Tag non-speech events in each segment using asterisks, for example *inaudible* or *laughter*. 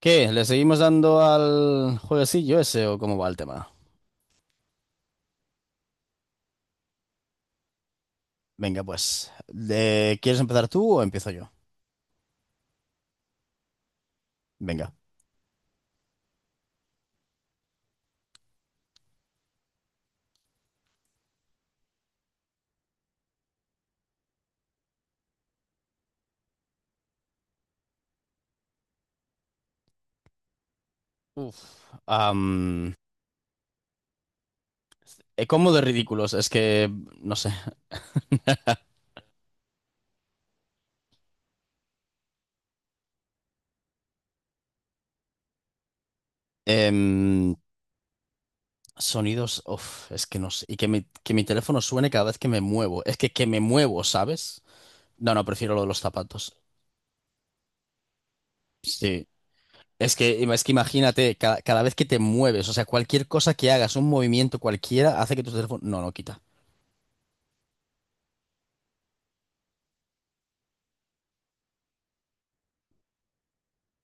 ¿Qué? ¿Le seguimos dando al jueguecillo ese o cómo va el tema? Venga, pues. ¿Quieres empezar tú o empiezo yo? Venga. Uf. Am, ¿Cómo de ridículos? Es que, no sé. *laughs* Em, sonidos, uf, es que no sé. Y que mi teléfono suene cada vez que me muevo. Es que me muevo, ¿sabes? No, no, prefiero lo de los zapatos. Sí. Es que imagínate, cada vez que te mueves, o sea, cualquier cosa que hagas, un movimiento cualquiera, hace que tu teléfono... No, no, quita.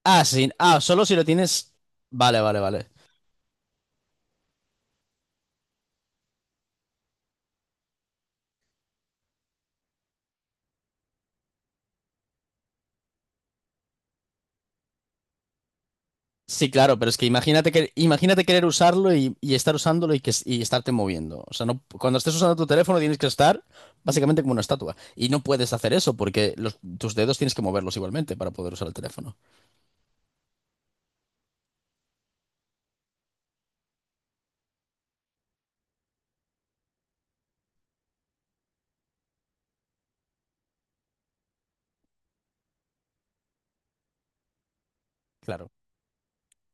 Ah, sí. Ah, solo si lo tienes. Vale, vale, vale. Sí, claro, pero es que imagínate querer usarlo y estar usándolo y estarte moviendo. O sea, no, cuando estés usando tu teléfono tienes que estar básicamente como una estatua. Y no puedes hacer eso porque tus dedos tienes que moverlos igualmente para poder usar el teléfono. Claro.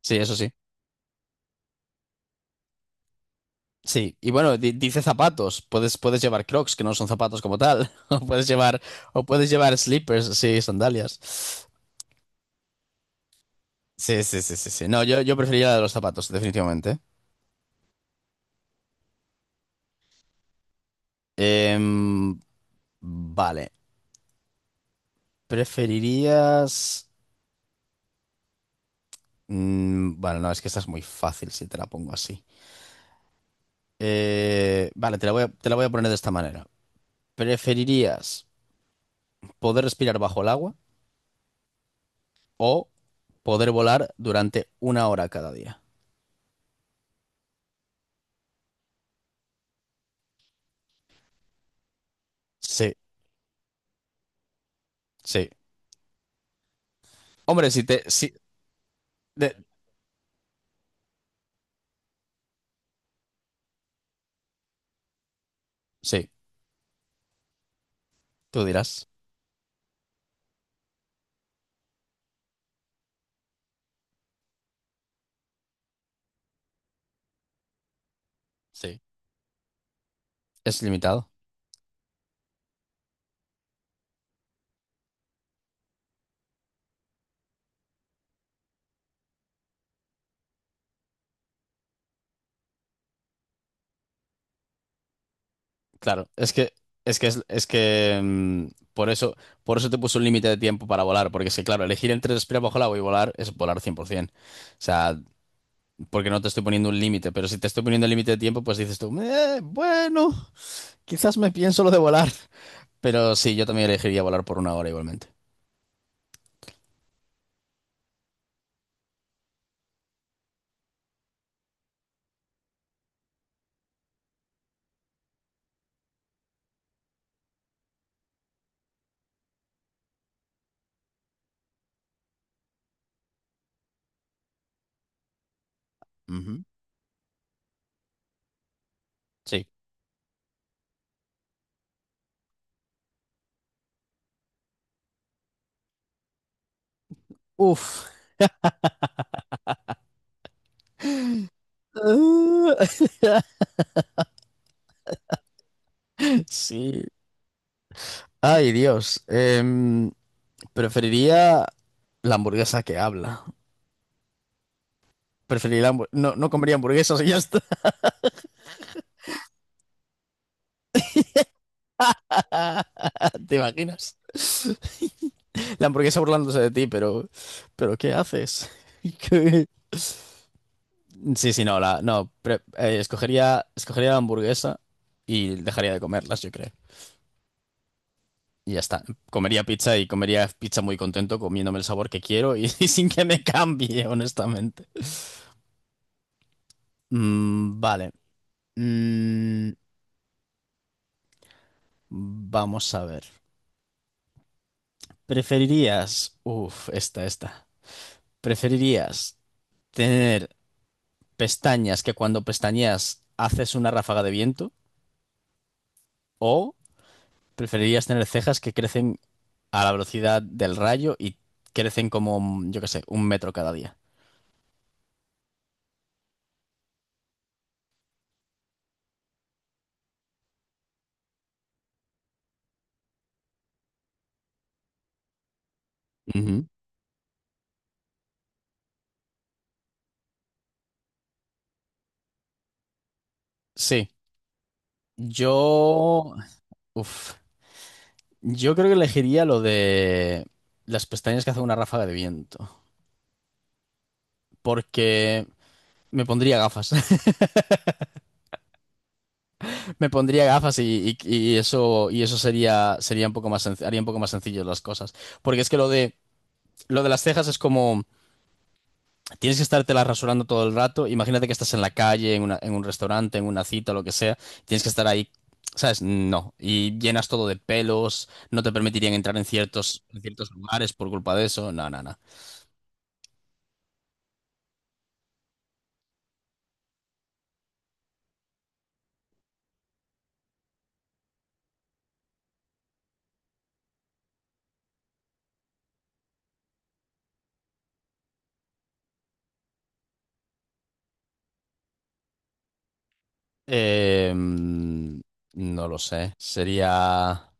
Sí, eso sí. Sí. Y bueno, dice zapatos. Puedes, puedes llevar Crocs, que no son zapatos como tal. *laughs* O puedes llevar slippers, sí, sandalias. Sí, sí, sí, sí, sí. No, yo preferiría la de los zapatos, definitivamente. Em, vale. ¿Preferirías...? Mm, bueno, no, es que esta es muy fácil si te la pongo así. Vale, te la voy a poner de esta manera. ¿Preferirías poder respirar bajo el agua o poder volar durante una hora cada día? Sí, sí. Hombre, si te... Si, de- sí, tú dirás. Sí, es limitado. Claro, es que es que mm, por eso por eso te puso un límite de tiempo para volar, porque es que claro, elegir entre respirar bajo el agua y volar es volar 100%. O sea, porque no te estoy poniendo un límite, pero si te estoy poniendo el límite de tiempo, pues dices tú, bueno, quizás me pienso lo de volar, pero sí, yo también elegiría volar por una hora igualmente." Ujú. Sí. Uf. *laughs* Sí. Ay, Dios. Preferiría la hamburguesa que habla. Preferiría la no, no comería hamburguesas y ya está. *laughs* ¿Te imaginas? La hamburguesa burlándose de ti, pero ¿qué haces? *laughs* ¿Qué? Sí, sí, no, la, no, pre- escogería, escogería la hamburguesa y dejaría de comerlas, yo creo. Y ya está. Comería pizza y comería pizza muy contento, comiéndome el sabor que quiero y, *laughs* y sin que me cambie, honestamente. Mm, vale. Mm, vamos a ver. ¿Preferirías, uff esta, esta, ¿preferirías tener pestañas que cuando pestañeas haces una ráfaga de viento o preferirías tener cejas que crecen a la velocidad del rayo y crecen como, yo qué sé, un metro cada día? Ujú. Sí, yo, uff yo creo que elegiría lo de las pestañas que hace una ráfaga de viento porque me pondría gafas. Me pondría gafas y eso sería, sería un poco más haría un poco más sencillo las cosas. Porque es que lo de las cejas es como, tienes que estártelas rasurando todo el rato. Imagínate que estás en la calle, en un restaurante, en una cita, lo que sea. Tienes que estar ahí, ¿sabes? No. Y llenas todo de pelos, no te permitirían entrar en en ciertos lugares por culpa de eso. No, no, no. Eh, mm, no lo sé. Sería...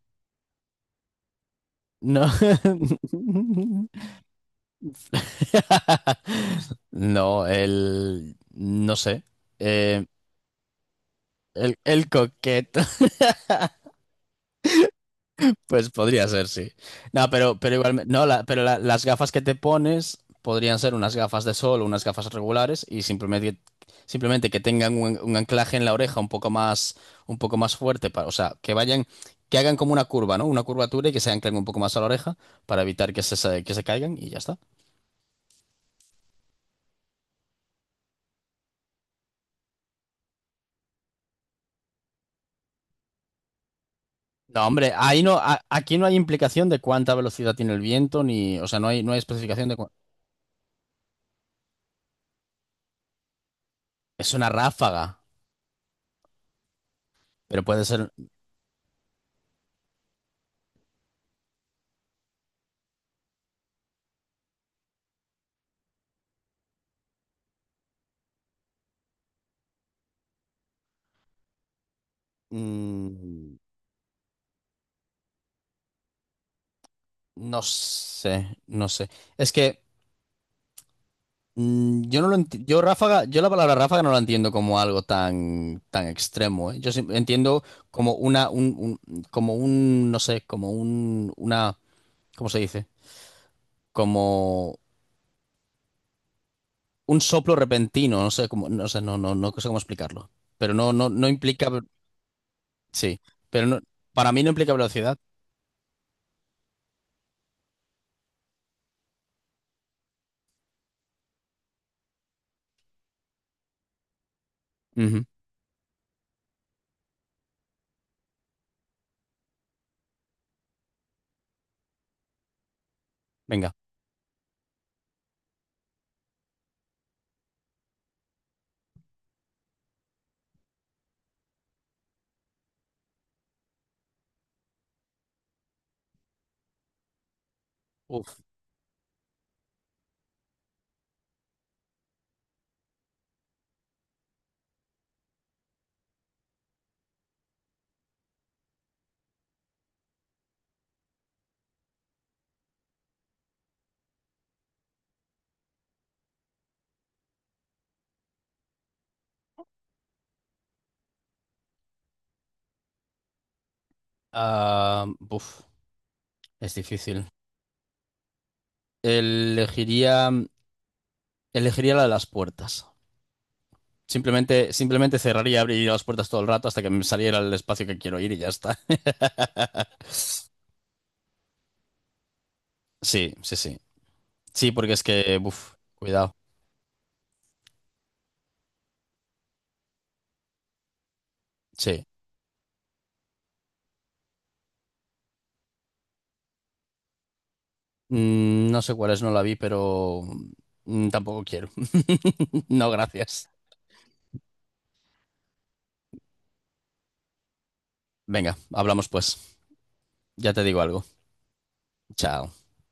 No. *laughs* *laughs* No, el... No sé. Eh, el coqueto, *laughs* pues podría ser, sí. No, pero igualmente... No, pero las gafas que te pones podrían ser unas gafas de sol o unas gafas regulares y simplemente, simplemente que tengan un anclaje en la oreja un poco más fuerte. Para, o sea, que vayan... Que hagan como una curva, ¿no? Una curvatura y que se anclen un poco más a la oreja para evitar que se caigan y ya está. No, hombre, ahí no, aquí no hay implicación de cuánta velocidad tiene el viento, ni, o sea, no hay, no hay especificación de es una ráfaga, pero puede ser. Mm, no sé, no sé. Es que mm, yo la palabra ráfaga no la entiendo como algo tan, tan extremo, ¿eh? Entiendo como como un, no sé, como un, una, ¿cómo se dice? Como un soplo repentino, no sé cómo, no sé, no, no, no sé cómo explicarlo. Pero no, no, no implica. Sí, pero no- para mí no implica velocidad. Ujú. Venga. Uf. Ah, uf, es difícil. Elegiría, elegiría la de las puertas. Simplemente, simplemente cerraría y abriría las puertas todo el rato hasta que me saliera el espacio que quiero ir y ya está. *laughs* Sí, sí, sí. Sí, porque es que, uf, cuidado. Sí. Mm, no sé cuál es, no la vi, pero mm, tampoco quiero. *laughs* No, gracias. Venga, hablamos pues. Ya te digo algo. Chao.